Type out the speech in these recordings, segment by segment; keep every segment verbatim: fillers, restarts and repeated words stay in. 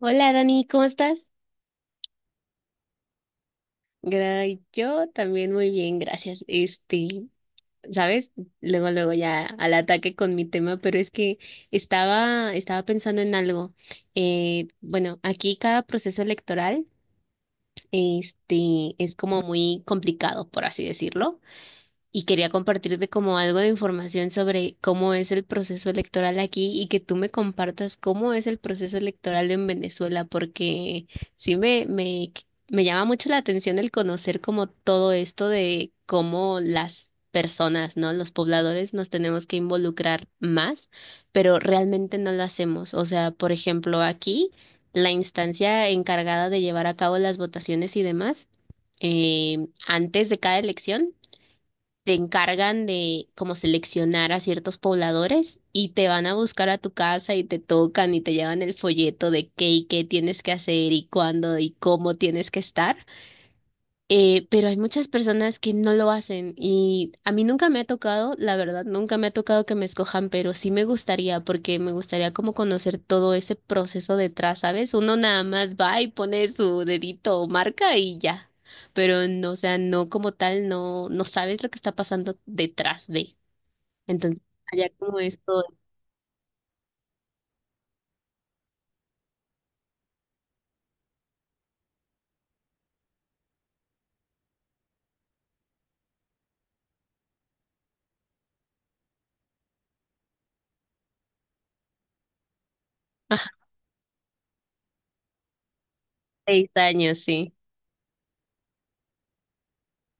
Hola Dani, ¿cómo estás? Gra- yo también muy bien, gracias. Este, ¿sabes? Luego, luego ya al ataque con mi tema, pero es que estaba, estaba pensando en algo. Eh, bueno, aquí cada proceso electoral, este, es como muy complicado, por así decirlo. Y quería compartirte como algo de información sobre cómo es el proceso electoral aquí y que tú me compartas cómo es el proceso electoral en Venezuela, porque sí me, me, me llama mucho la atención el conocer como todo esto de cómo las personas, ¿no? Los pobladores nos tenemos que involucrar más, pero realmente no lo hacemos. O sea, por ejemplo, aquí la instancia encargada de llevar a cabo las votaciones y demás, eh, antes de cada elección te encargan de como seleccionar a ciertos pobladores y te van a buscar a tu casa y te tocan y te llevan el folleto de qué y qué tienes que hacer y cuándo y cómo tienes que estar. Eh, pero hay muchas personas que no lo hacen y a mí nunca me ha tocado, la verdad, nunca me ha tocado que me escojan, pero sí me gustaría porque me gustaría como conocer todo ese proceso detrás, ¿sabes? Uno nada más va y pone su dedito o marca y ya, pero no, o sea, no como tal, no, no sabes lo que está pasando detrás de. Entonces, allá como esto, seis años, sí.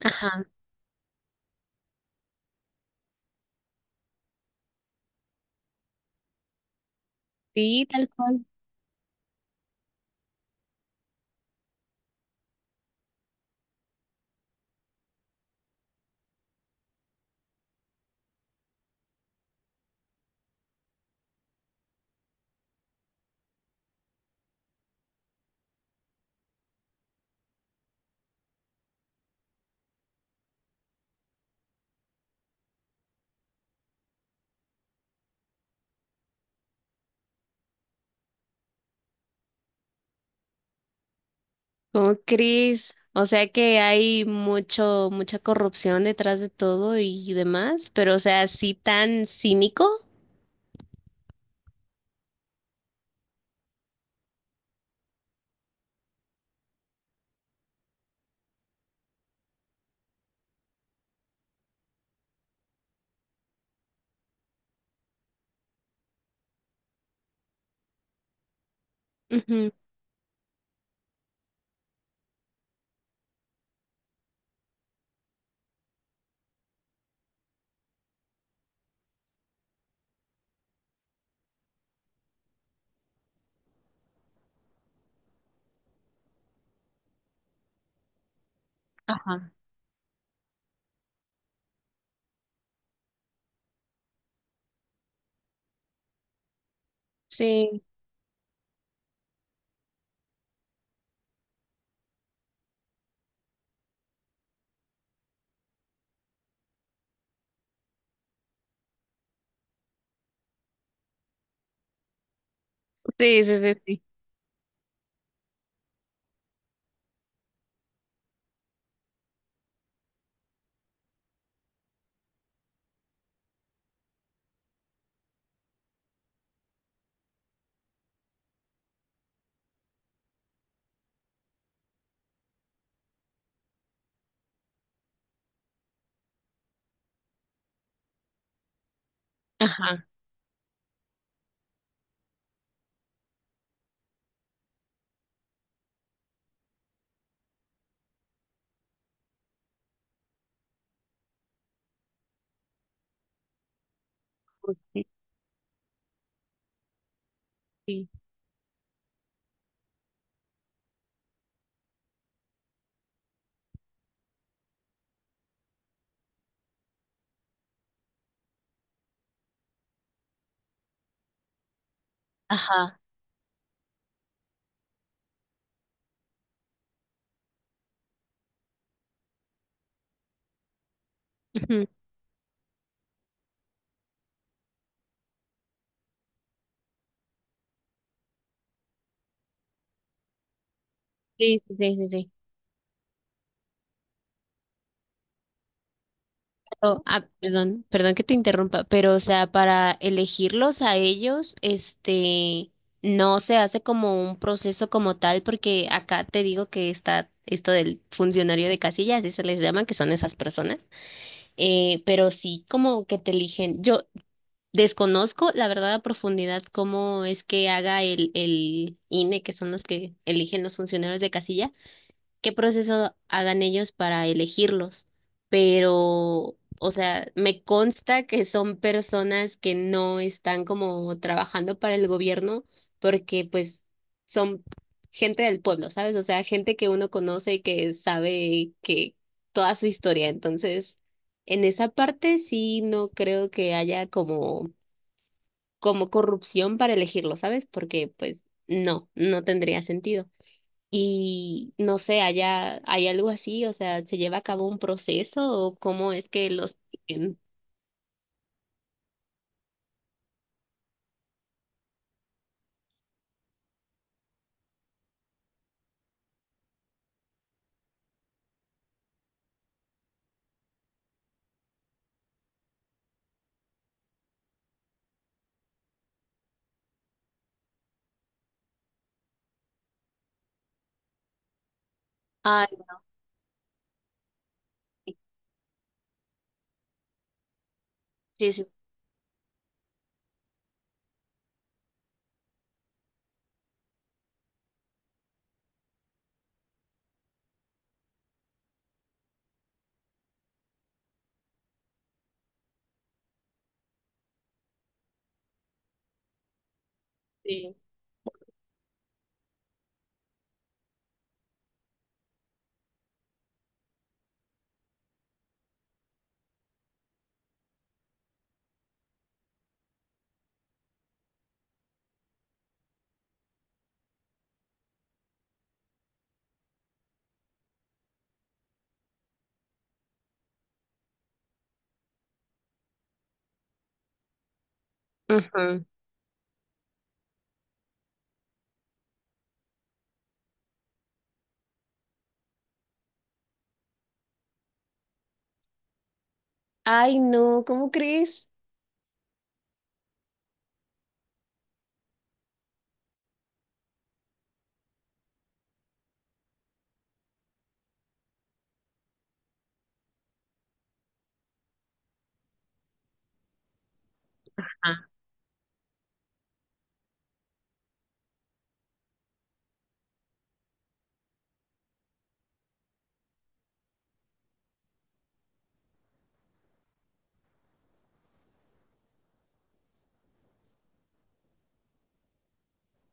Ajá, sí, tal cual. ¿Cómo crees? O sea que hay mucho, mucha corrupción detrás de todo y demás, pero o sea, así tan cínico. Ujú. Ajá. Sí, sí, sí, sí, sí. Ajá. Sí, sí. Ajá. Ujú. Sí, sí, sí, sí, sí. Pero, ah, perdón, perdón que te interrumpa, pero o sea, para elegirlos a ellos, este, no se hace como un proceso como tal, porque acá te digo que está esto del funcionario de casillas, así se les llama, que son esas personas. Eh, pero sí, como que te eligen. Yo desconozco, la verdad, a profundidad cómo es que haga el, el INE, que son los que eligen los funcionarios de casilla qué proceso hagan ellos para elegirlos, pero, o sea, me consta que son personas que no están como trabajando para el gobierno porque pues son gente del pueblo, ¿sabes? O sea, gente que uno conoce y que sabe que toda su historia. Entonces, en esa parte sí no creo que haya como, como corrupción para elegirlo, ¿sabes? Porque pues no, no tendría sentido. Y no sé, allá hay algo así, o sea, ¿se lleva a cabo un proceso o cómo es que los... piquen? Ay, sí, sí, sí. Sí. Ujú. Ay, no, ¿cómo crees? Ajá,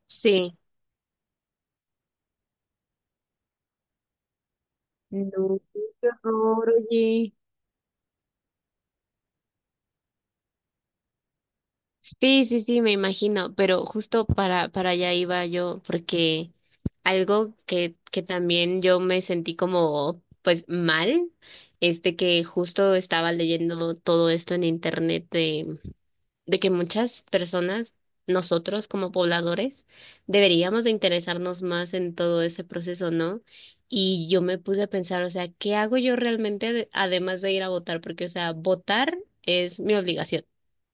sí. No, qué horror, oye. Sí, sí, sí, me imagino, pero justo para, para allá iba yo, porque algo que, que también yo me sentí como, pues, mal, este que justo estaba leyendo todo esto en internet de que muchas personas, nosotros como pobladores, deberíamos de interesarnos más en todo ese proceso, ¿no? Y yo me puse a pensar, o sea, ¿qué hago yo realmente de- además de ir a votar? Porque, o sea, votar es mi obligación,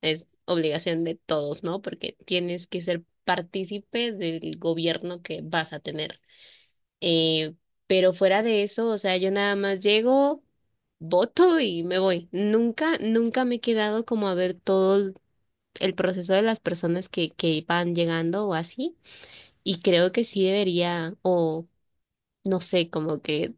es obligación de todos, ¿no? Porque tienes que ser partícipe del gobierno que vas a tener. Eh, pero fuera de eso, o sea, yo nada más llego voto y me voy. Nunca, nunca me he quedado como a ver todo, el proceso de las personas que, que van llegando o así. Y creo que sí debería, o no sé, como que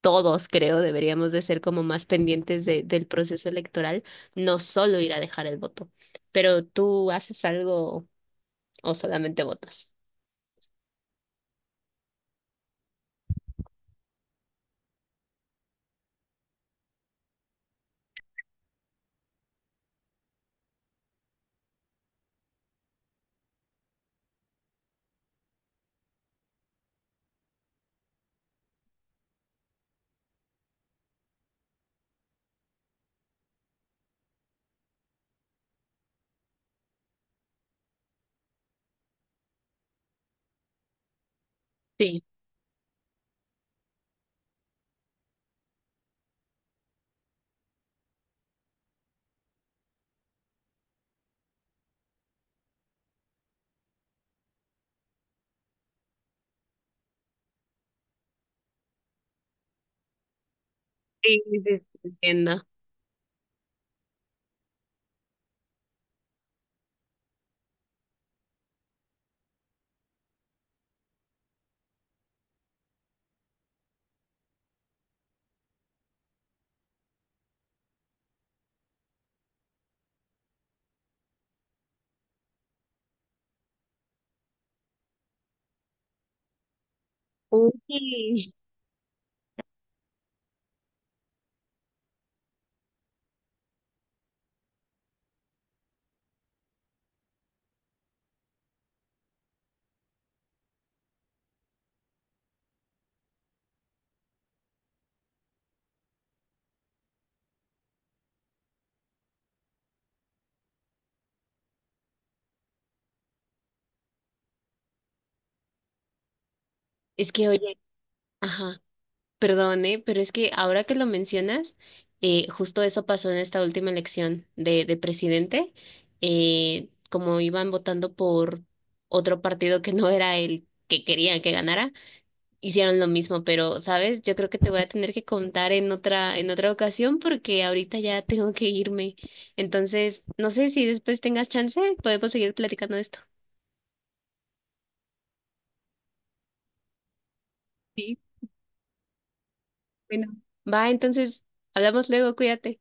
todos creo deberíamos de ser como más pendientes de, del proceso electoral, no solo ir a dejar el voto. Pero tú haces algo o solamente votas. Sí, sí, sí, sí, entiendo. Uy, es que oye, ajá. Perdone, pero es que ahora que lo mencionas, eh, justo eso pasó en esta última elección de, de presidente, eh, como iban votando por otro partido que no era el que querían que ganara, hicieron lo mismo, pero, ¿sabes? Yo creo que te voy a tener que contar en otra, en otra ocasión porque ahorita ya tengo que irme. Entonces, no sé si después tengas chance, podemos seguir platicando de esto. Sí, bueno, va, entonces, hablamos luego, cuídate.